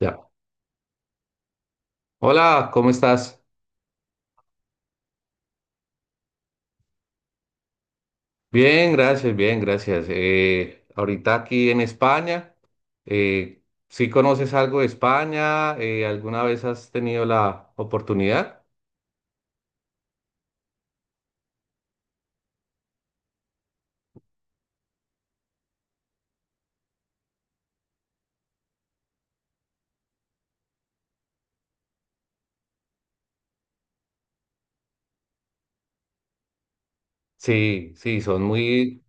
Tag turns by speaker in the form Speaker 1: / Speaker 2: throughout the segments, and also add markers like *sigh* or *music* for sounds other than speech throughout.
Speaker 1: Ya. Hola, ¿cómo estás? Bien, gracias, bien, gracias. Ahorita aquí en España, eh, ¿sí conoces algo de España? ¿Alguna vez has tenido la oportunidad? Sí, sí, son muy,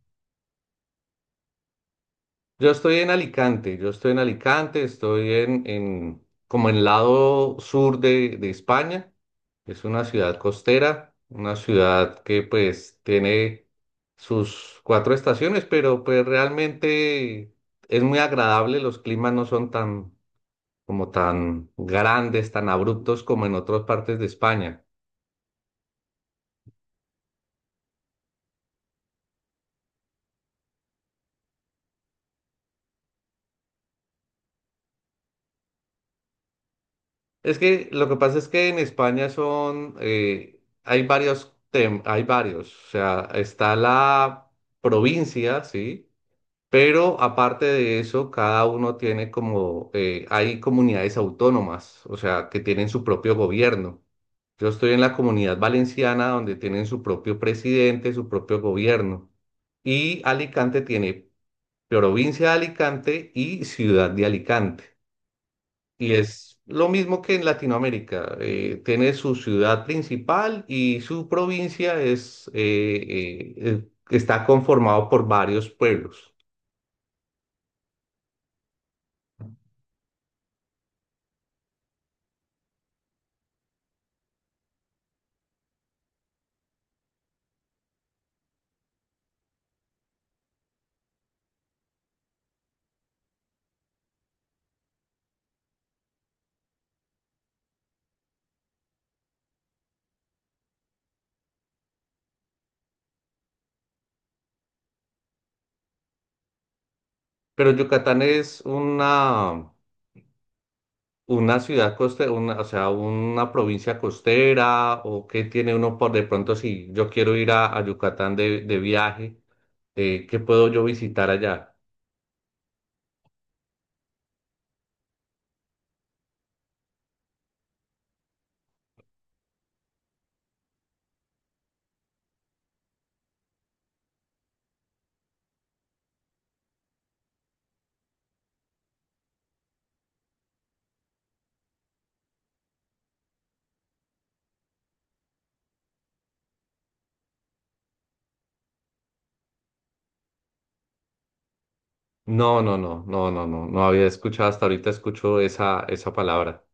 Speaker 1: Yo estoy en Alicante, estoy en como en lado sur de España. Es una ciudad costera, una ciudad que pues tiene sus cuatro estaciones, pero pues realmente es muy agradable, los climas no son tan como tan grandes, tan abruptos como en otras partes de España. Es que lo que pasa es que en España son, hay varios, o sea, está la provincia, ¿sí? Pero aparte de eso, cada uno tiene como, hay comunidades autónomas, o sea, que tienen su propio gobierno. Yo estoy en la comunidad valenciana donde tienen su propio presidente, su propio gobierno. Y Alicante tiene provincia de Alicante y ciudad de Alicante. Y es lo mismo que en Latinoamérica. Tiene su ciudad principal y su provincia está conformado por varios pueblos. Pero Yucatán es una ciudad costera, o sea, una provincia costera o que tiene uno por de pronto si yo quiero ir a Yucatán de viaje, ¿qué puedo yo visitar allá? No, no, no, no, no, no, no había escuchado hasta ahorita, escucho esa palabra.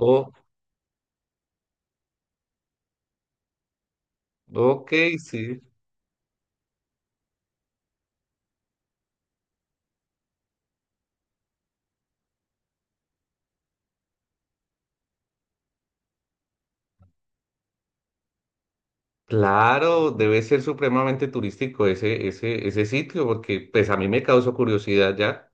Speaker 1: Oh, ok, sí. Claro, debe ser supremamente turístico ese sitio, porque pues a mí me causó curiosidad ya.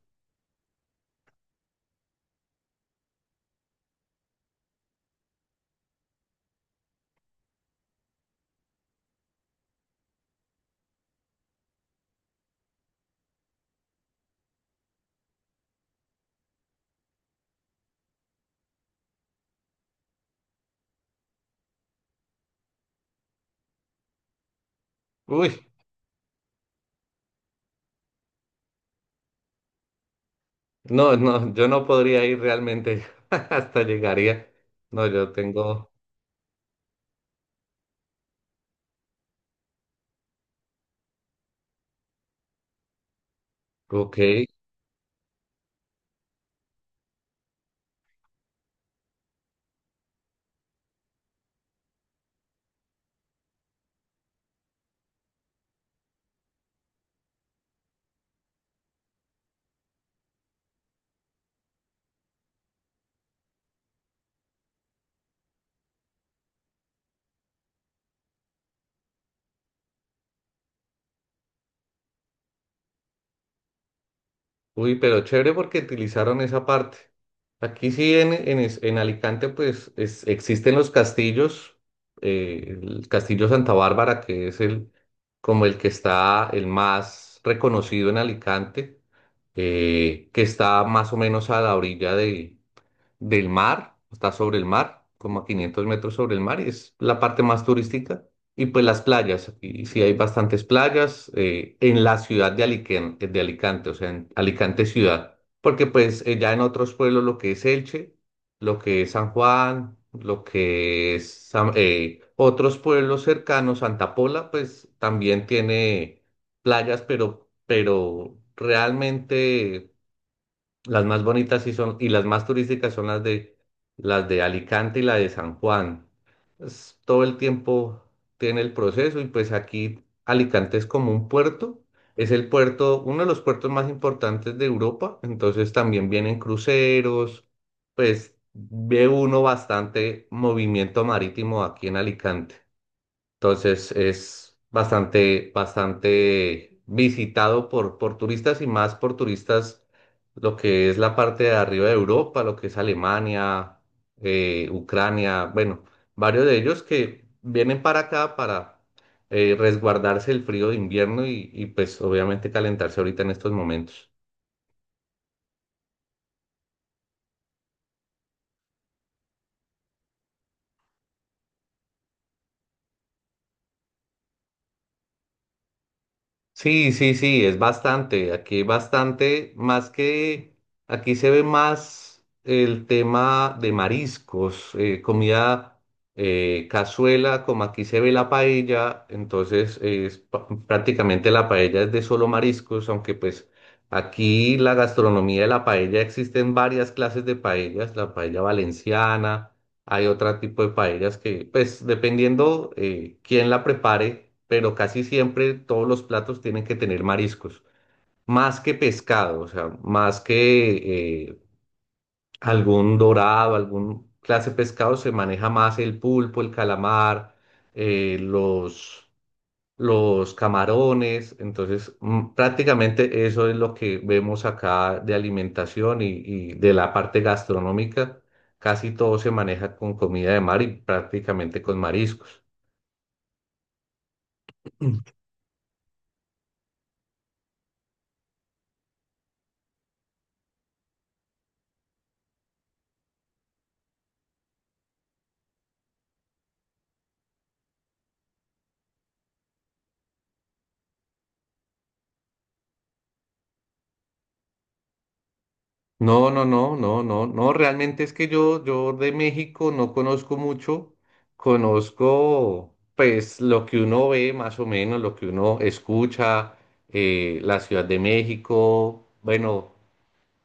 Speaker 1: Uy, no, no, yo no podría ir realmente *laughs* hasta llegaría. No, yo tengo, ok. Uy, pero chévere porque utilizaron esa parte. Aquí sí, en Alicante, pues existen los castillos, el Castillo Santa Bárbara, que es el, como el que está el más reconocido en Alicante, que está más o menos a la orilla del mar, está sobre el mar, como a 500 metros sobre el mar, y es la parte más turística. Y pues las playas, aquí sí hay bastantes playas en la ciudad de Alicante, o sea, en Alicante ciudad, porque pues ya en otros pueblos lo que es Elche, lo que es San Juan, lo que es otros pueblos cercanos, Santa Pola, pues también tiene playas, pero realmente las más bonitas sí son, y las más turísticas son las de Alicante y la de San Juan. Todo el tiempo tiene el proceso y pues aquí Alicante es como un puerto, es el puerto, uno de los puertos más importantes de Europa, entonces también vienen cruceros, pues ve uno bastante movimiento marítimo aquí en Alicante. Entonces es bastante visitado por turistas y más por turistas, lo que es la parte de arriba de Europa, lo que es Alemania, Ucrania, bueno, varios de ellos que vienen para acá para resguardarse el frío de invierno y pues obviamente calentarse ahorita en estos momentos. Sí, sí, sí, es bastante. Aquí hay bastante, más que aquí se ve más el tema de mariscos, comida cazuela, como aquí se ve la paella, entonces es prácticamente la paella es de solo mariscos, aunque pues aquí la gastronomía de la paella existen varias clases de paellas, la paella valenciana. Hay otro tipo de paellas que, pues, dependiendo quién la prepare, pero casi siempre todos los platos tienen que tener mariscos, más que pescado, o sea, más que algún dorado, algún clase de pescado, se maneja más el pulpo, el calamar, eh, los los camarones, entonces prácticamente eso es lo que vemos acá de alimentación y de la parte gastronómica, casi todo se maneja con comida de mar y prácticamente con mariscos. *clears throat* Mm. No, no, no, no, no, no, realmente es que yo de México no conozco mucho, conozco pues lo que uno ve más o menos, lo que uno escucha, la Ciudad de México, bueno.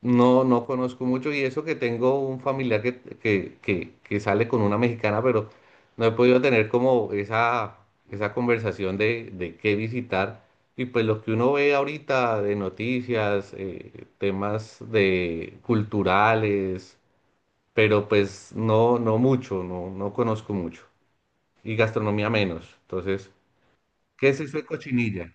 Speaker 1: No, no conozco mucho y eso que tengo un familiar que sale con una mexicana, pero no he podido tener como esa conversación de qué visitar. Y pues lo que uno ve ahorita de noticias, temas de culturales, pero pues no, no mucho, no, no conozco mucho. Y gastronomía menos. Entonces, ¿qué es eso de cochinilla?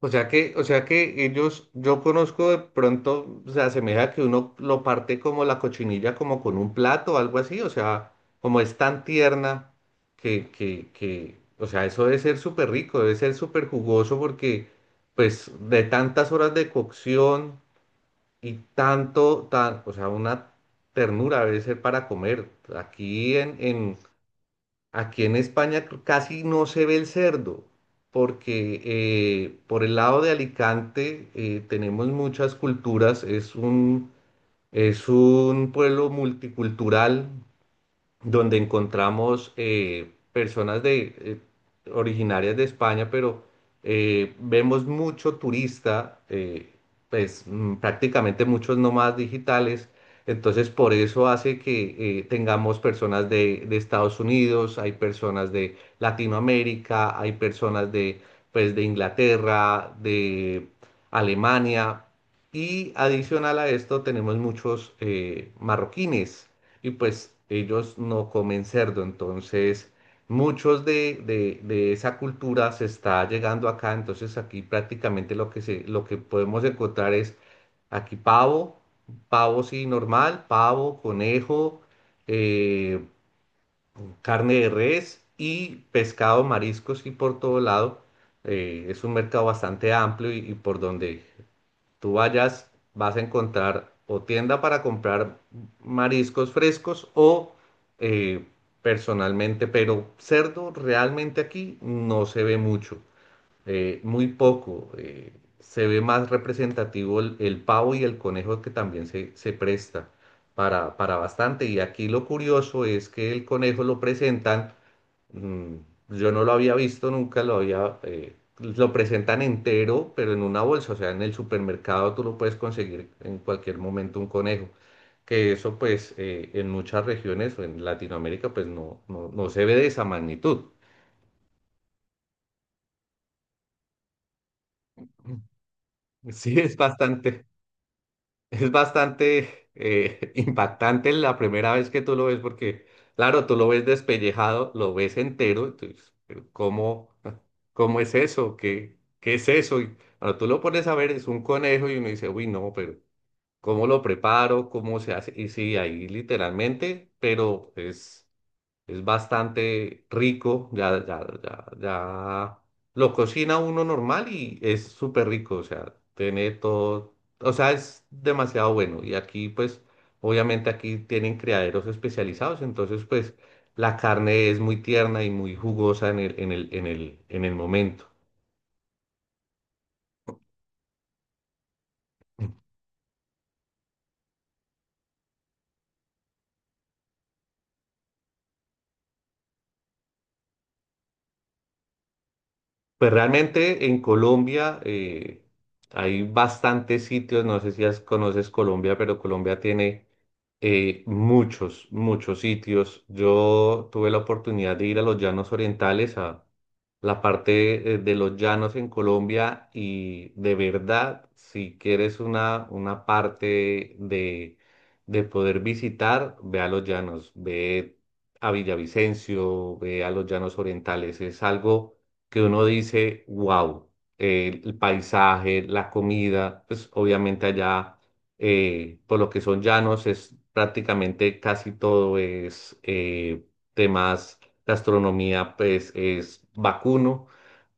Speaker 1: O sea que ellos, yo conozco de pronto, se asemeja que uno lo parte como la cochinilla, como con un plato o algo así, o sea, como es tan tierna que, o sea, eso debe ser súper rico, debe ser súper jugoso porque, pues, de tantas horas de cocción y tanto, o sea, una ternura debe ser para comer. Aquí Aquí en España casi no se ve el cerdo, porque por el lado de Alicante tenemos muchas culturas, es un pueblo multicultural, donde encontramos personas originarias de España, pero vemos mucho turista, pues prácticamente muchos nómadas digitales. Entonces, por eso hace que tengamos personas de Estados Unidos, hay personas de Latinoamérica, hay personas de, pues, de Inglaterra, de Alemania. Y adicional a esto tenemos muchos marroquines y pues ellos no comen cerdo. Entonces, muchos de esa cultura se está llegando acá. Entonces, aquí prácticamente lo que podemos encontrar es aquí pavo, pavo sí normal, pavo, conejo, eh, carne de res y pescado, mariscos y por todo lado. Es un mercado bastante amplio y por donde tú vayas, vas a encontrar o tienda para comprar mariscos frescos o eh, personalmente, pero cerdo realmente aquí no se ve mucho, muy poco. Se ve más representativo el pavo y el conejo que también se presta para bastante. Y aquí lo curioso es que el conejo lo presentan Mm, yo no lo había visto, nunca lo había, lo presentan entero, pero en una bolsa, o sea, en el supermercado tú lo puedes conseguir en cualquier momento un conejo. Que eso pues en muchas regiones o en Latinoamérica pues no, no, no se ve de esa magnitud. *laughs* Sí, es bastante, *laughs* impactante la primera vez que tú lo ves porque, claro, tú lo ves despellejado, lo ves entero, entonces, pero ¿cómo, *laughs* cómo es eso? ¿Qué es eso? Y cuando tú lo pones a ver, es un conejo y uno dice, uy, no, pero ¿cómo lo preparo? ¿Cómo se hace? Y sí, ahí literalmente, pero es. Es bastante rico, ya, ya, ya, ya lo cocina uno normal y es súper rico, o sea, tiene todo, o sea, es demasiado bueno. Y aquí, pues, obviamente aquí tienen criaderos especializados, entonces, pues, la carne es muy tierna y muy jugosa en el momento. Pues realmente en Colombia hay bastantes sitios, no sé si conoces Colombia, pero Colombia tiene muchos sitios. Yo tuve la oportunidad de ir a los Llanos Orientales, a la parte de los llanos en Colombia y de verdad, si quieres una parte de poder visitar, ve a los llanos, ve a Villavicencio, ve a los Llanos Orientales, es algo que uno dice, wow, el paisaje, la comida, pues obviamente allá, por lo que son llanos, es prácticamente casi todo es temas, gastronomía, pues es vacuno,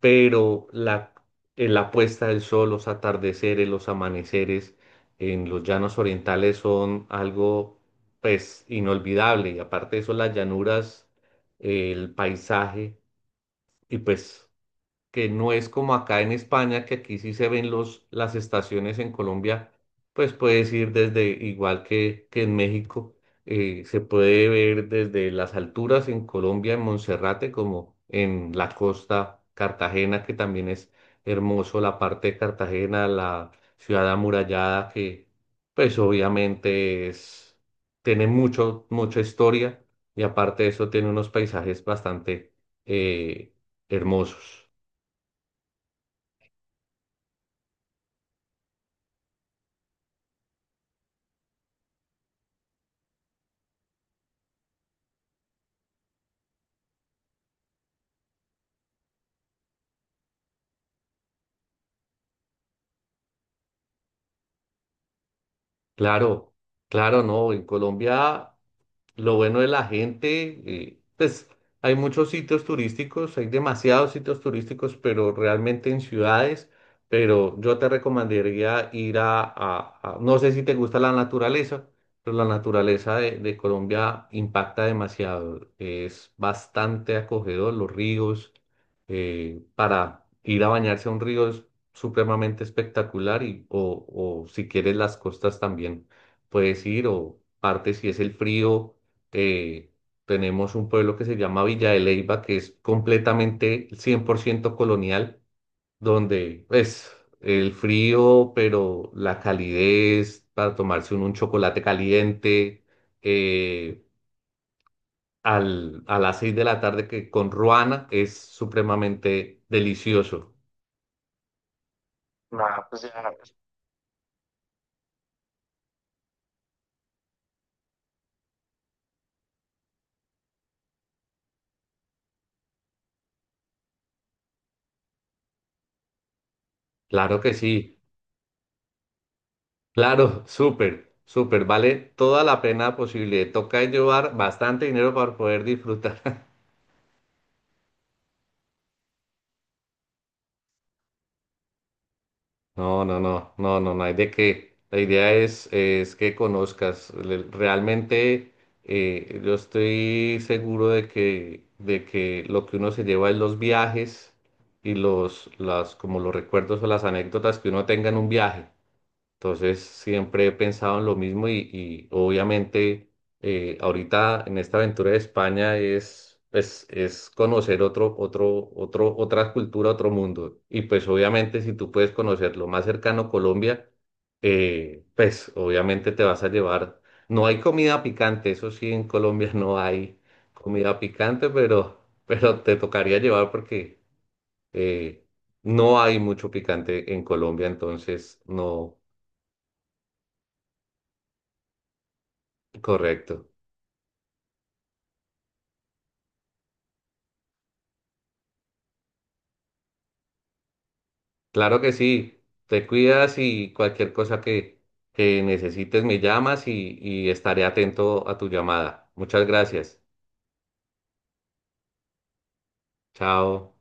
Speaker 1: pero la puesta del sol, los atardeceres, los amaneceres en los llanos orientales son algo, pues, inolvidable. Y aparte de eso, las llanuras, el paisaje y pues que no es como acá en España, que aquí sí se ven las estaciones en Colombia, pues puedes ir desde, igual que en México, se puede ver desde las alturas en Colombia, en Monserrate, como en la costa Cartagena, que también es hermoso, la parte de Cartagena, la ciudad amurallada, que pues obviamente tiene mucha historia y aparte de eso tiene unos paisajes bastante eh, hermosos. Claro, claro, no. En Colombia lo bueno de la gente, pues hay muchos sitios turísticos, hay demasiados sitios turísticos, pero realmente en ciudades, pero yo te recomendaría ir no sé si te gusta la naturaleza, pero la naturaleza de Colombia impacta demasiado, es bastante acogedor, los ríos, para ir a bañarse a un río es supremamente espectacular o si quieres las costas también puedes ir o parte si es el frío eh, tenemos un pueblo que se llama Villa de Leyva, que es completamente 100% colonial, donde es el frío, pero la calidez para tomarse un chocolate caliente, eh, a las 6 de la tarde que con ruana es supremamente delicioso. Claro que sí, claro, *laughs* súper. Súper, vale toda la pena posible. Toca llevar bastante dinero para poder disfrutar. *laughs* No, no, no, no, no, no hay de qué. La idea es que conozcas. Realmente yo estoy seguro de que lo que uno se lleva en los viajes y las, como los recuerdos o las anécdotas que uno tenga en un viaje. Entonces, siempre he pensado en lo mismo y obviamente ahorita en esta aventura de España pues es conocer otra cultura, otro mundo. Y pues obviamente si tú puedes conocer lo más cercano a Colombia, pues obviamente te vas a llevar. No hay comida picante, eso sí, en Colombia *laughs* no hay comida picante, pero te tocaría llevar porque eh, no hay mucho picante en Colombia, entonces no. Correcto. Claro que sí. Te cuidas y cualquier cosa que necesites me llamas y estaré atento a tu llamada. Muchas gracias. Chao.